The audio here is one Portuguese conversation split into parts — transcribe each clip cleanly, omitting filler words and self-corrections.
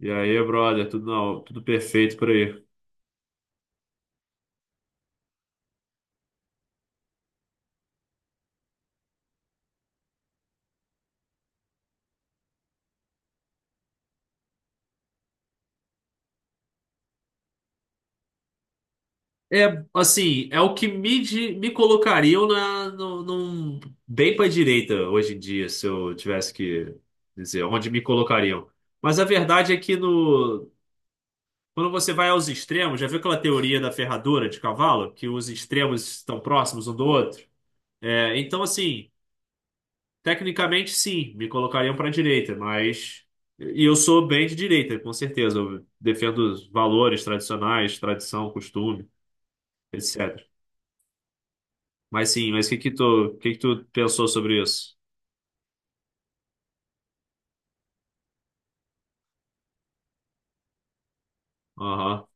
E aí, brother, tudo, tudo perfeito por aí. É, assim, é o que me, di- Me colocariam na, no, num- bem para direita hoje em dia, se eu tivesse que dizer onde me colocariam. Mas a verdade é que no, quando você vai aos extremos, já viu aquela teoria da ferradura de cavalo, que os extremos estão próximos um do outro? É, então, assim. Tecnicamente, sim, me colocariam para a direita, mas. E eu sou bem de direita, com certeza. Eu defendo os valores tradicionais, tradição, costume, etc. Mas sim, o que que tu pensou sobre isso? Aham,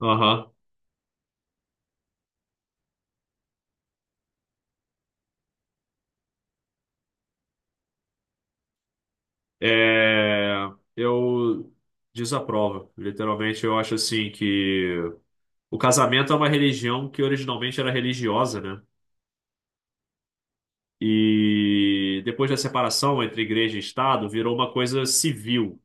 aham. É, eu desaprovo. Literalmente, eu acho assim que o casamento é uma religião que originalmente era religiosa, né? E depois da separação entre igreja e Estado, virou uma coisa civil.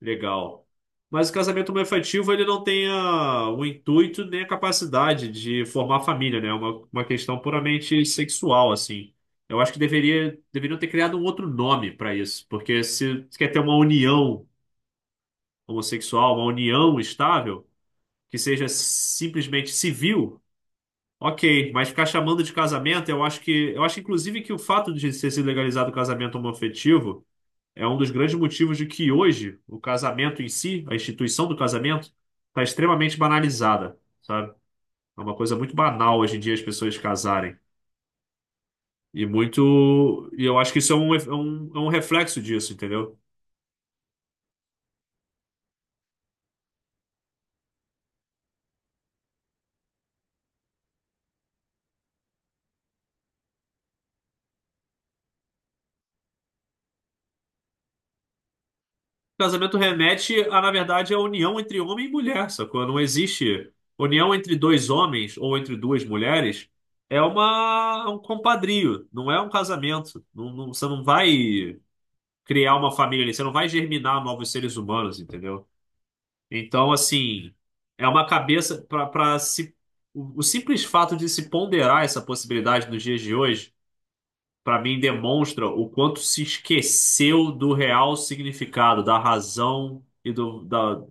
Legal. Mas o casamento homoafetivo, ele não tem a- o intuito nem a capacidade de formar família, né? É uma questão puramente sexual, assim. Eu acho que deveriam ter criado um outro nome para isso, porque se quer ter uma união homossexual, uma união estável, que seja simplesmente civil, ok, mas ficar chamando de casamento, eu acho que, eu acho inclusive que o fato de ter sido legalizado o casamento homoafetivo é um dos grandes motivos de que hoje o casamento em si, a instituição do casamento, está extremamente banalizada, sabe? É uma coisa muito banal hoje em dia as pessoas casarem. E muito. E eu acho que isso é é um reflexo disso, entendeu? Casamento remete a, na verdade, a união entre homem e mulher, sacou? Não existe união entre dois homens ou entre duas mulheres. É um compadrio, não é um casamento. Você não vai criar uma família ali, você não vai germinar novos seres humanos, entendeu? Então, assim, é uma cabeça para se. O simples fato de se ponderar essa possibilidade nos dias de hoje, para mim, demonstra o quanto se esqueceu do real significado, da razão e do, da,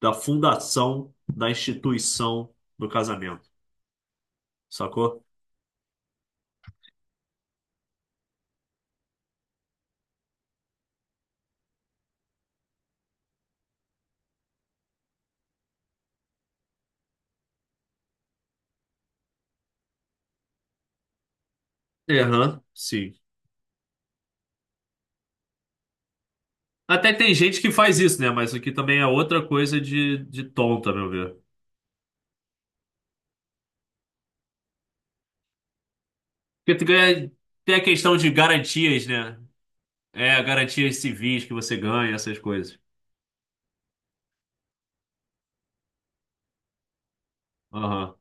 da fundação da instituição do casamento, sacou? Aham, sim. Até tem gente que faz isso, né? Mas isso aqui também é outra coisa de tonta, a meu ver. Porque tu ganha- Tem a questão de garantias, né? É, garantias civis que você ganha, essas coisas. Aham,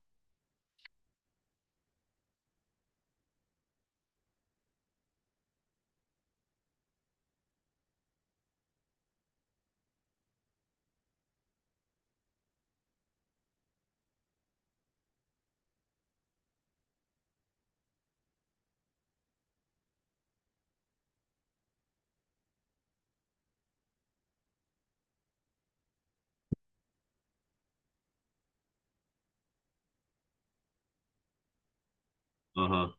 aham.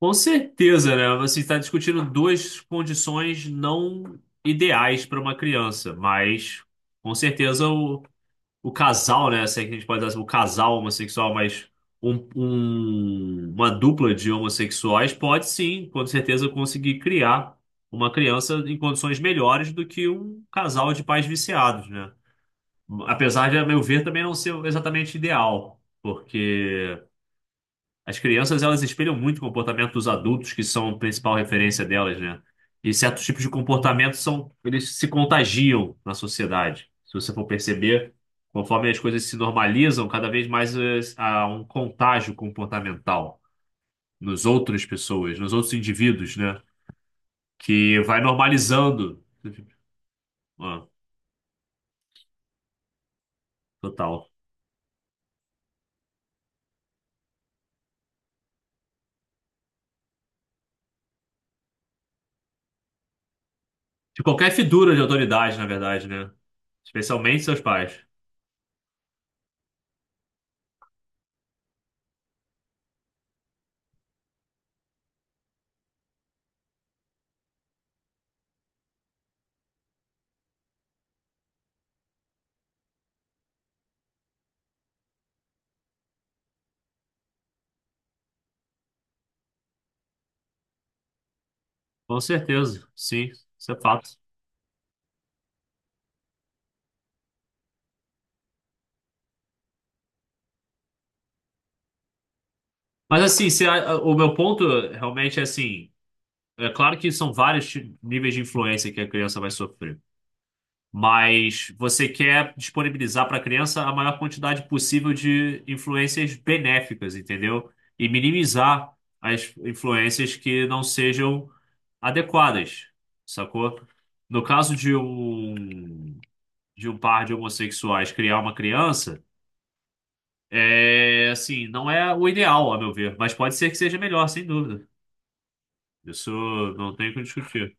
Com certeza, né? Você está discutindo duas condições não ideais para uma criança, mas com certeza o casal, né? Se é que a gente pode dar assim, o casal homossexual, mas uma dupla de homossexuais pode sim, com certeza, conseguir criar uma criança em condições melhores do que um casal de pais viciados, né? Apesar de, a meu ver, também não ser exatamente ideal, porque as crianças elas espelham muito o comportamento dos adultos, que são a principal referência delas, né? E certos tipos de comportamento são, eles se contagiam na sociedade. Se você for perceber, conforme as coisas se normalizam, cada vez mais há um contágio comportamental nos outras pessoas, nos outros indivíduos, né? Que vai normalizando. Ah, total. De qualquer figura de autoridade, na verdade, né? Especialmente seus pais. Com certeza, sim, isso é fato. Mas assim, se a- o meu ponto realmente é assim, é claro que são níveis de influência que a criança vai sofrer, mas você quer disponibilizar para a criança a maior quantidade possível de influências benéficas, entendeu? E minimizar as influências que não sejam adequadas, sacou? No caso de um par de homossexuais criar uma criança, é assim, não é o ideal, a meu ver, mas pode ser que seja melhor, sem dúvida. Isso não tem o que discutir.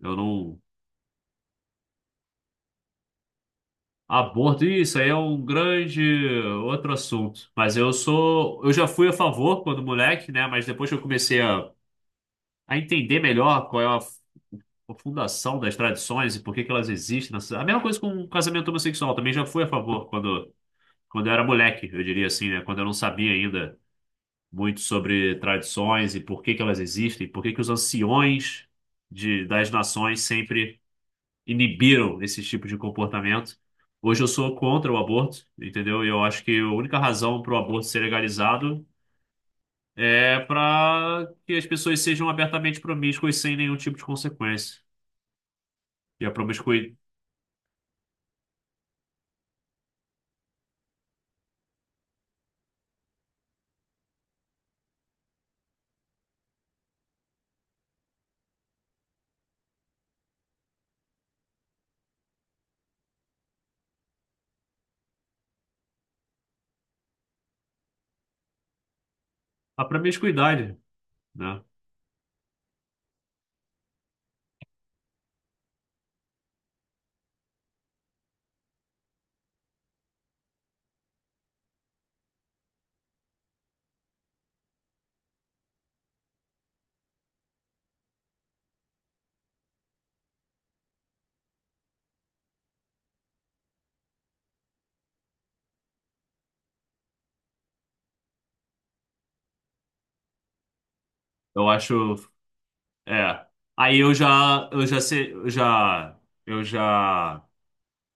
Eu não. Aborto, isso aí é um grande outro assunto. Mas eu sou. Eu já fui a favor quando moleque, né? Mas depois que eu comecei a entender melhor qual é a fundação das tradições e por que que elas existem. Na sociedade. A mesma coisa com o casamento homossexual, também já fui a favor quando eu era moleque, eu diria assim, né? Quando eu não sabia ainda muito sobre tradições e por que que elas existem, por que que os anciões das nações sempre inibiram esse tipo de comportamento. Hoje eu sou contra o aborto, entendeu? E eu acho que a única razão para o aborto ser legalizado é para que as pessoas sejam abertamente promíscuas sem nenhum tipo de consequência. E a promiscui... a promiscuidade, né? Eu acho, é. Aí eu já sei, eu já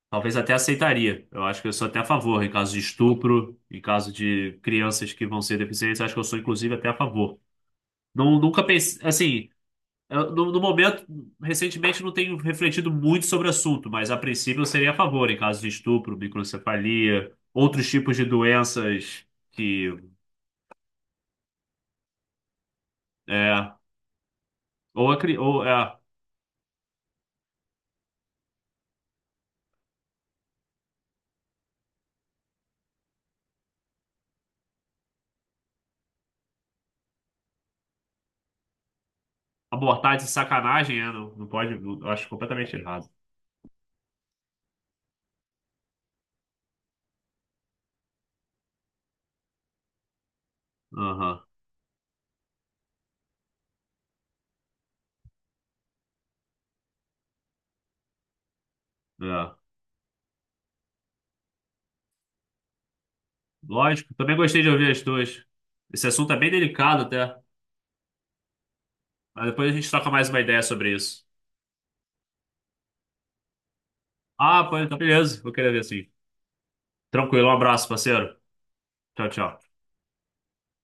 Talvez até aceitaria. Eu acho que eu sou até a favor em caso de estupro, em caso de crianças que vão ser deficientes, acho que eu sou inclusive até a favor. Não, nunca pensei, assim, no, no momento, recentemente não tenho refletido muito sobre o assunto, mas a princípio eu seria a favor em caso de estupro, microcefalia, outros tipos de doenças que é ou, a, cri- ou é, abortar de sacanagem, é, não pode, eu acho completamente errado. Aham, é. Lógico, também gostei de ouvir as tuas. Esse assunto é bem delicado até. Mas depois a gente troca mais uma ideia sobre isso. Ah, pô, então beleza. Vou querer ver sim. Tranquilo, um abraço, parceiro. Tchau, tchau.